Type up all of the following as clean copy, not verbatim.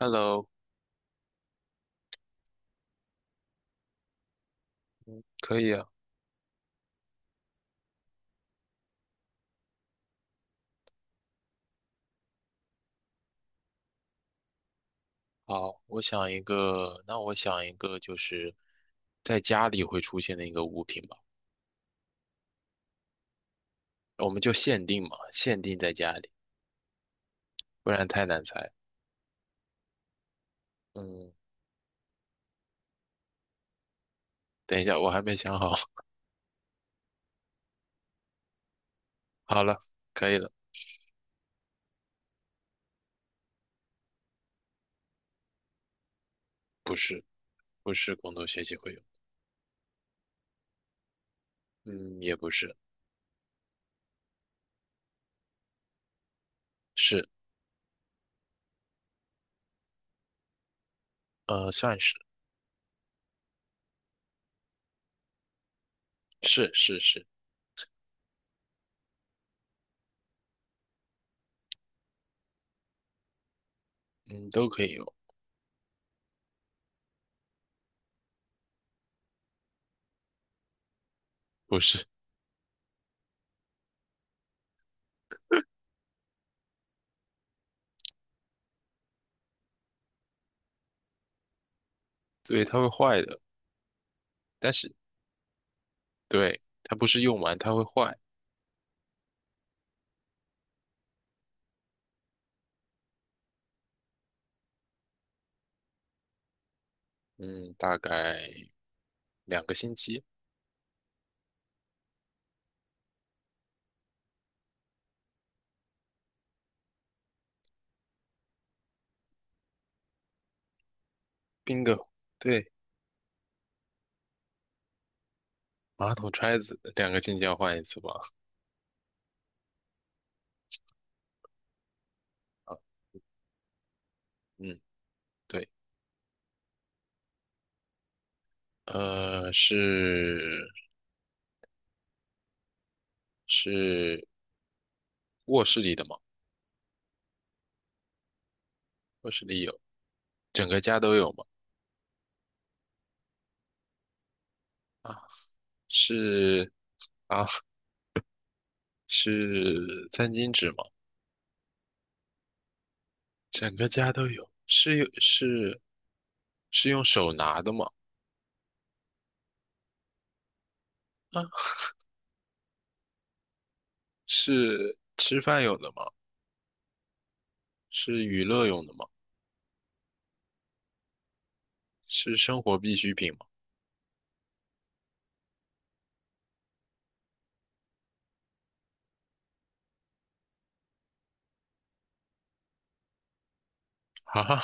Hello，可以啊。好，我想一个，就是在家里会出现的一个物品吧。我们就限定嘛，限定在家里，不然太难猜。嗯，等一下，我还没想好。好了，可以了。不是，不是工作学习会用。嗯，也不是。是，算是，是是是。嗯，都可以用。不是。对，它会坏的，但是对，它不是用完它会坏。嗯，大概2个星期。bingo。对，马桶揣子两个进交换一次吧。啊，嗯，对，呃，是是卧室里的吗？卧室里有，整个家都有吗？啊，是啊，是餐巾纸吗？整个家都有，是用手拿的吗？啊，是吃饭用的吗？是娱乐用的吗？是生活必需品吗？啊，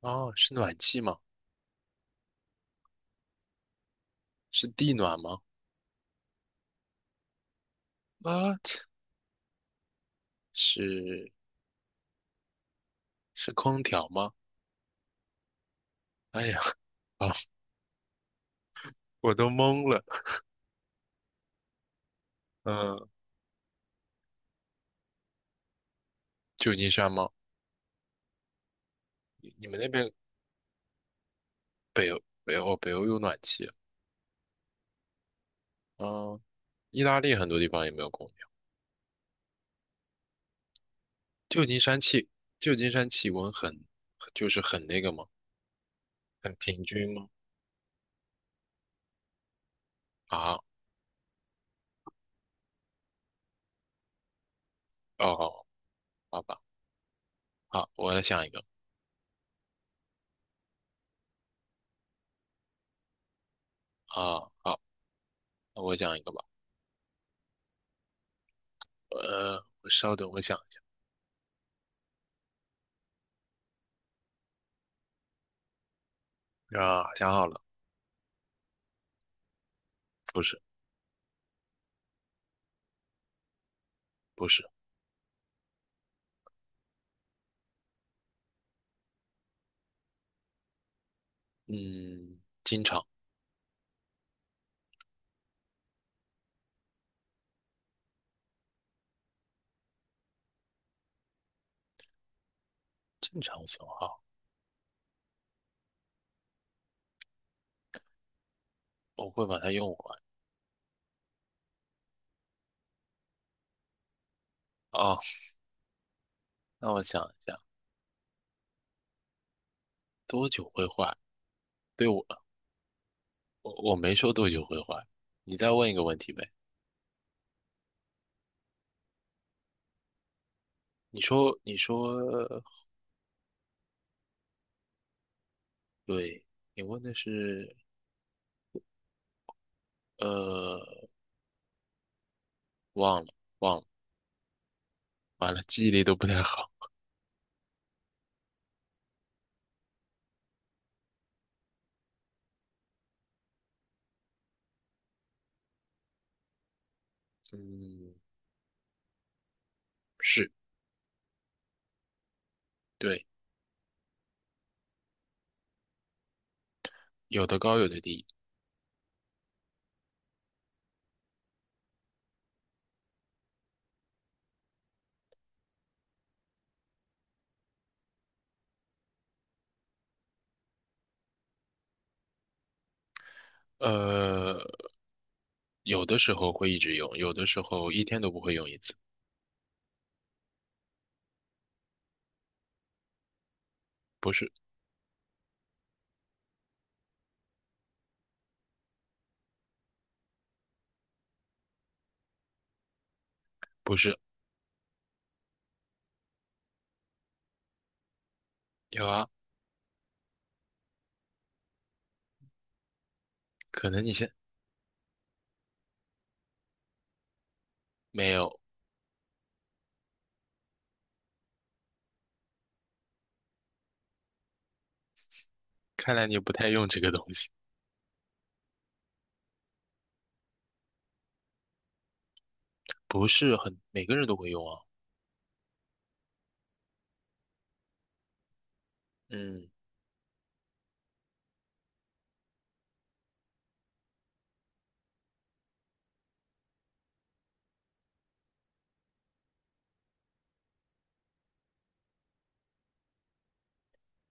哦，是暖气吗？是地暖吗？啊，是是空调吗？哎呀，啊，我都懵了。嗯，旧金山吗？你们那边北欧，哦，北欧有暖气啊。嗯，意大利很多地方也没有空调。旧金山气，旧金山气温很，就是很那个吗？很平均吗？啊，哦，好吧，好，我来想一个。啊，好，那我想一个吧。我稍等，我想一下。啊，想好了。不是，不是。嗯，正常损耗，我会把它用完。哦，那我想一下，多久会坏？对，我没说多久会还，你再问一个问题呗。你说，对，你问的是呃，忘了忘了，完了，记忆力都不太好。嗯，是，对，有的高有的低。呃，有的时候会一直用，有的时候一天都不会用一次。不是不是，有啊，可能你现没有。看来你不太用这个东西。不是很，每个人都会用啊。嗯，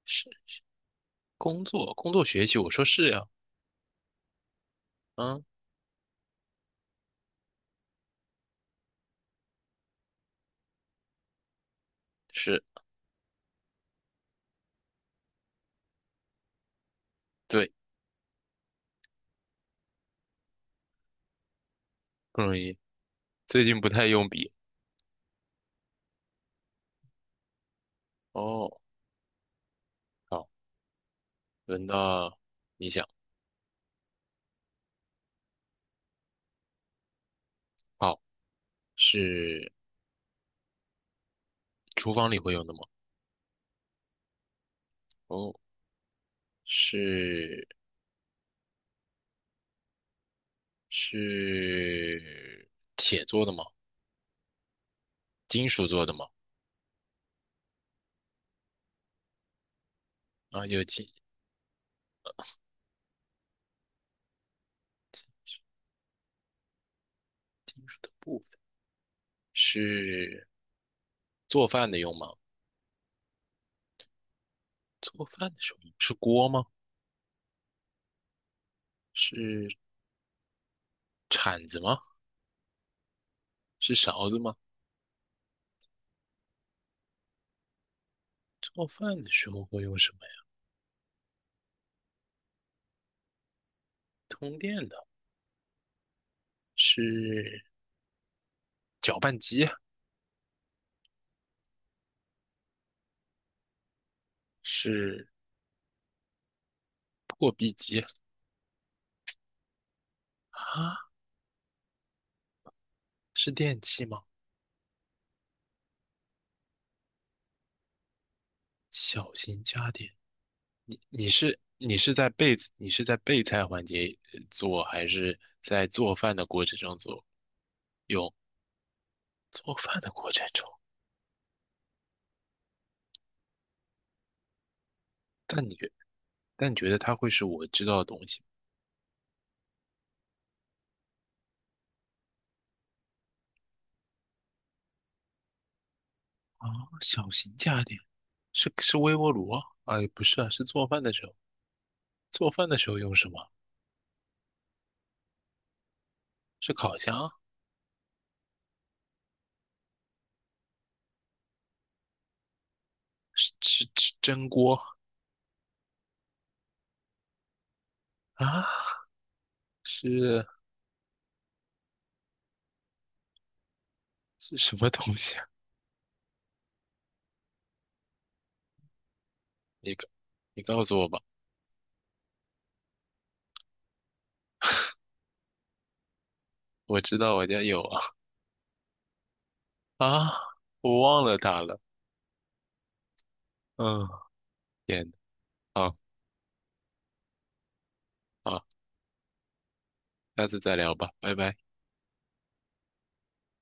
是工作学习，我说是呀，啊。是，对，不容易。最近不太用笔。哦，好，轮到你想。好，是厨房里会用的吗？哦，是是铁做的吗？金属做的吗？啊，有金属的部分。是做饭的用吗？做饭的时候用是锅吗？是铲子吗？是勺子吗？做饭的时候会用什么呀？通电的，是搅拌机啊是。破壁机啊，是电器吗？小型家电，你是在备菜环节做，还是在做饭的过程中做？做饭的过程中，但你觉但你觉得它会是我知道的东西吗啊？小型家电是微波炉啊？哎，不是啊，是做饭的时候用什么？是烤箱？是蒸锅啊？是是什么东西啊？你告你告诉我吧，我知道我家有啊。啊，我忘了他了。嗯，天，好好，下次再聊吧，拜拜。